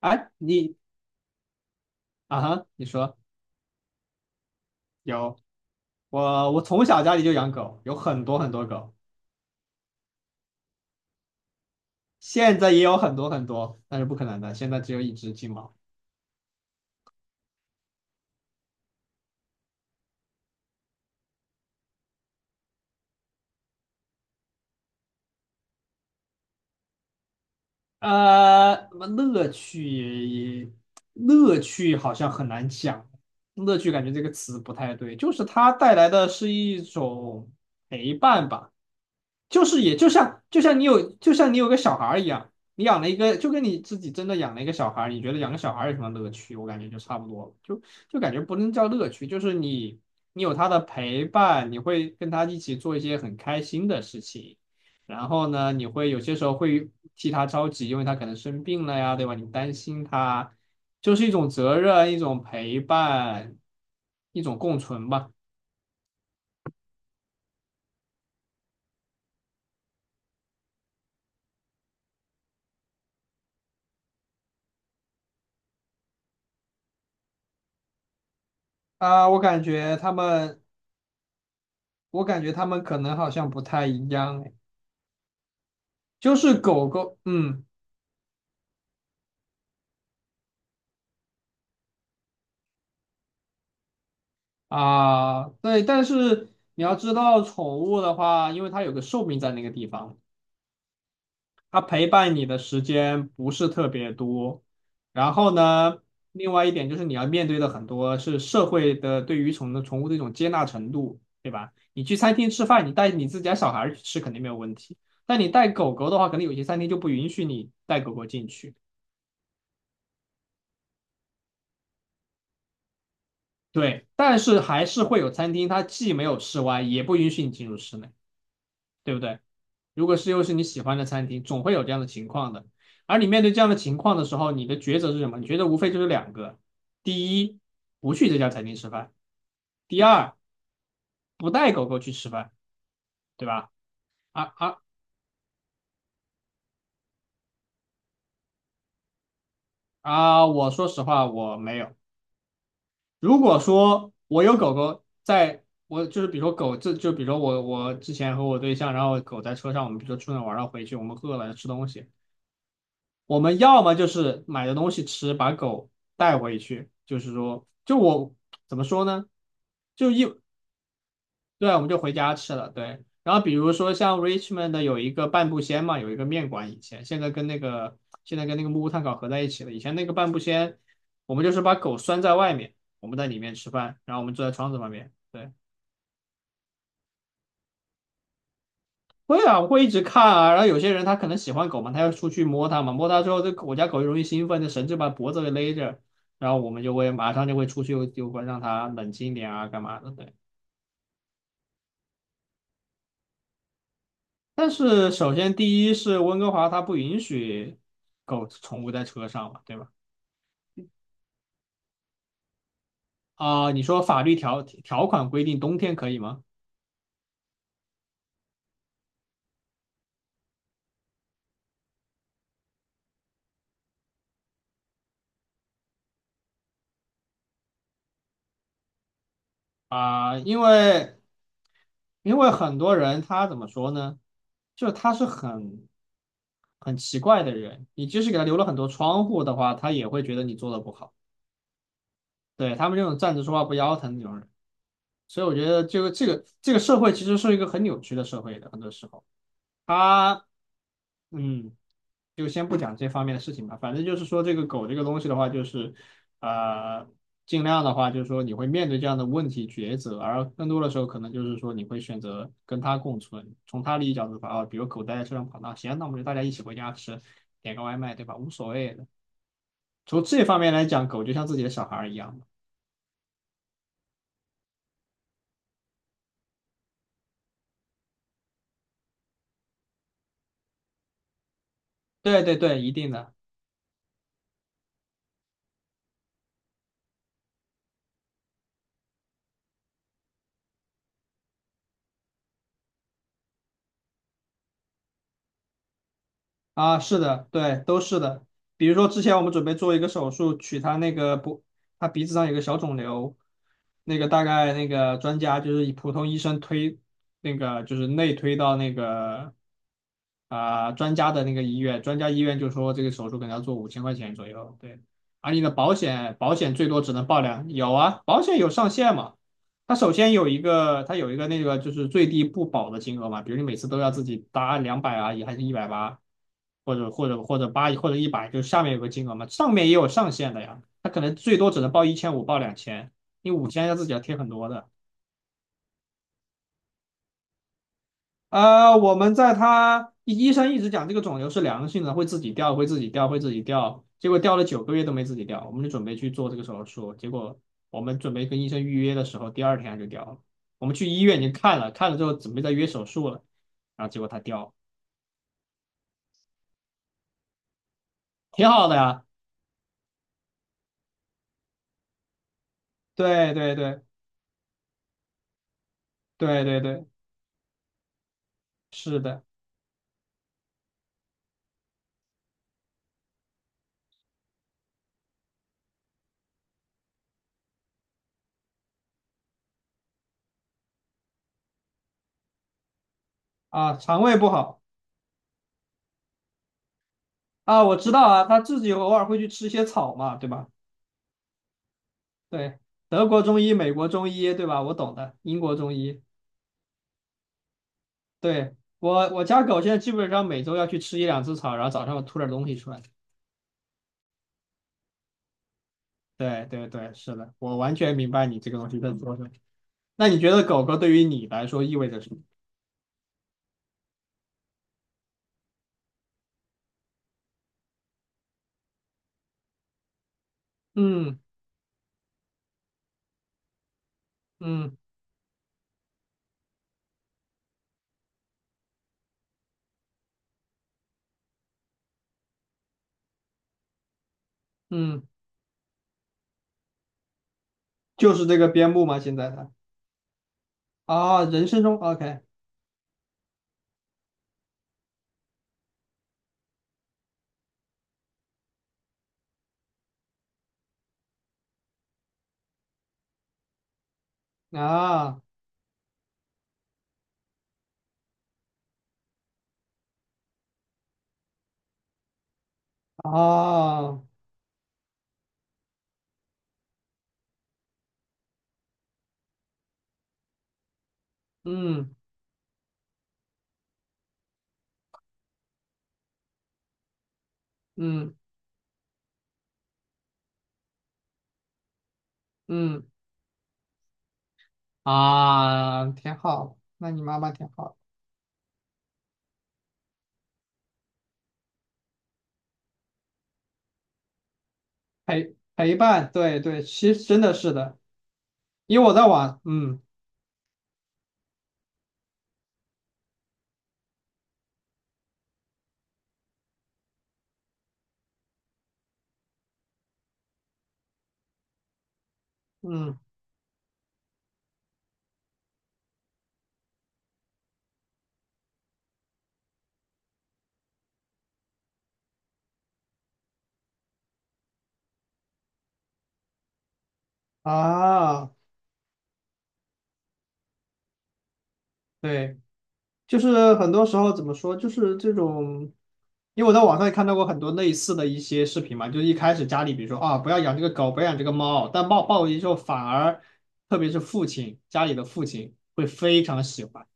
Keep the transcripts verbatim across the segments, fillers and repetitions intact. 哎，你啊哈，你说有我，我从小家里就养狗，有很多很多狗，现在也有很多很多，但是不可能的，现在只有一只金毛。呃，什么乐趣？乐趣好像很难讲，乐趣感觉这个词不太对，就是它带来的是一种陪伴吧。就是也就像就像你有就像你有个小孩儿一样，你养了一个就跟你自己真的养了一个小孩儿，你觉得养个小孩儿有什么乐趣？我感觉就差不多了，就就感觉不能叫乐趣，就是你你有他的陪伴，你会跟他一起做一些很开心的事情，然后呢，你会有些时候会替他着急，因为他可能生病了呀，对吧？你担心他，就是一种责任，一种陪伴，一种共存吧。啊，我感觉他们。我感觉他们可能好像不太一样，哎，就是狗狗，嗯啊，对，但是你要知道，宠物的话，因为它有个寿命在那个地方，它陪伴你的时间不是特别多。然后呢，另外一点就是你要面对的很多是社会的对于宠的宠物的一种接纳程度，对吧？你去餐厅吃饭，你带你自己家小孩儿去吃肯定没有问题，但你带狗狗的话，可能有些餐厅就不允许你带狗狗进去。对，但是还是会有餐厅，它既没有室外，也不允许你进入室内，对不对？如果是又是你喜欢的餐厅，总会有这样的情况的。而你面对这样的情况的时候，你的抉择是什么？你觉得无非就是两个：第一，不去这家餐厅吃饭；第二，不带狗狗去吃饭，对吧？啊啊啊！我说实话，我没有。如果说我有狗狗在，我就是比如说狗，这就比如说我我之前和我对象，然后狗在车上，我们比如说出去玩，然后回去我们饿了吃东西。我们要么就是买的东西吃，把狗带回去，就是说，就我怎么说呢？就一，对，我们就回家吃了，对。然后比如说像 Richmond 的有一个半步仙嘛，有一个面馆，以前现在跟那个现在跟那个木屋炭烤合在一起了。以前那个半步仙，我们就是把狗拴在外面，我们在里面吃饭，然后我们坐在窗子旁边。对。会啊，我会一直看啊。然后有些人他可能喜欢狗嘛，他要出去摸它嘛，摸它之后，这狗我家狗就容易兴奋，这绳子把脖子给勒着，然后我们就会马上就会出去，就就会让它冷静一点啊，干嘛的？对。但是首先第一是温哥华它不允许狗宠物在车上嘛，对吧？啊、你说法律条条款规定冬天可以吗？啊、因为。因为很多人他怎么说呢？就他是很很奇怪的人，你即使给他留了很多窗户的话，他也会觉得你做的不好。对，他们这种站着说话不腰疼那种人，所以我觉得这个这个这个社会其实是一个很扭曲的社会的，很多时候他嗯。就先不讲这方面的事情吧。反正就是说，这个狗这个东西的话，就是呃，尽量的话，就是说你会面对这样的问题抉择，而更多的时候可能就是说你会选择跟它共存。从它利益角度出发啊，比如狗待在车上跑大，那行，那我们就大家一起回家吃，点个外卖，对吧？无所谓的。从这方面来讲，狗就像自己的小孩一样。对对对，一定的。啊，是的，对，都是的。比如说之前我们准备做一个手术，取他那个不，他鼻子上有个小肿瘤，那个大概那个专家就是以普通医生推，那个就是内推到那个啊、专家的那个医院，专家医院就说这个手术可能要做五千块钱左右，对。而你的保险保险最多只能报两，有啊，保险有上限嘛，它首先有一个，它有一个那个就是最低不保的金额嘛，比如你每次都要自己搭两百啊，也还是一百八，或者或者或者八或者一百，就是下面有个金额嘛，上面也有上限的呀，它可能最多只能报一千五，报两千，你五千要自己要贴很多的。呃，我们在他医生一直讲这个肿瘤是良性的，会自己掉，会自己掉，会自己掉。结果掉了九个月都没自己掉，我们就准备去做这个手术。结果我们准备跟医生预约的时候，第二天他就掉了。我们去医院已经看了，看了之后准备再约手术了，然后结果它掉了，挺好的呀。对对对对对对，是的啊，肠胃不好啊，我知道啊，他自己偶尔会去吃一些草嘛，对吧？对，德国中医、美国中医，对吧？我懂的，英国中医。对，我我家狗现在基本上每周要去吃一两次草，然后早上我吐点东西出来。对对对，是的，我完全明白你这个东西在说什么。那你觉得狗狗对于你来说意味着什么？嗯嗯嗯，就是这个边牧吗？现在的啊，人生中 OK 啊哦，嗯嗯嗯啊，挺好。那你妈妈挺好，陪陪伴，对对，其实真的是的，因为我在网，嗯嗯啊。对，就是很多时候怎么说，就是这种，因为我在网上也看到过很多类似的一些视频嘛，就是一开始家里比如说啊，不要养这个狗，不要养这个猫，但抱抱回去之后，反而特别是父亲，家里的父亲会非常喜欢。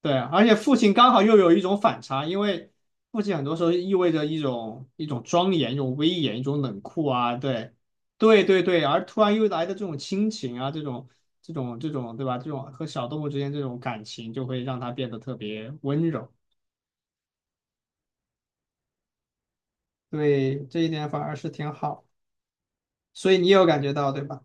对啊，而且父亲刚好又有一种反差，因为父亲很多时候意味着一种一种庄严、一种威严、一种冷酷啊，对，对对对，而突然又来的这种亲情啊，这种这种这种，对吧？这种和小动物之间这种感情，就会让他变得特别温柔。对，这一点反而是挺好，所以你有感觉到，对吧？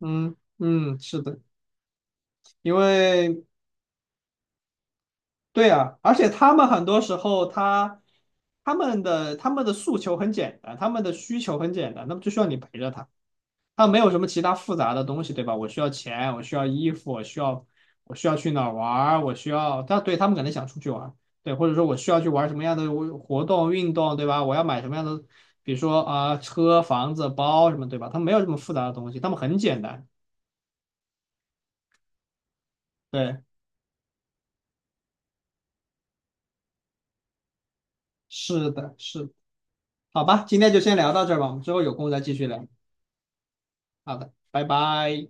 嗯嗯，是的，因为对啊，而且他们很多时候他他们的他们的诉求很简单，他们的需求很简单，那么就需要你陪着他，他没有什么其他复杂的东西，对吧？我需要钱，我需要衣服，我需要我需要去哪儿玩儿我需要，他对他们可能想出去玩儿对，或者说我需要去玩什么样的活动运动，对吧？我要买什么样的，比如说啊、车、房子、包什么，对吧？他们没有这么复杂的东西，他们很简单。对，是的，是的，好吧，今天就先聊到这儿吧，我们之后有空再继续聊。好的，拜拜。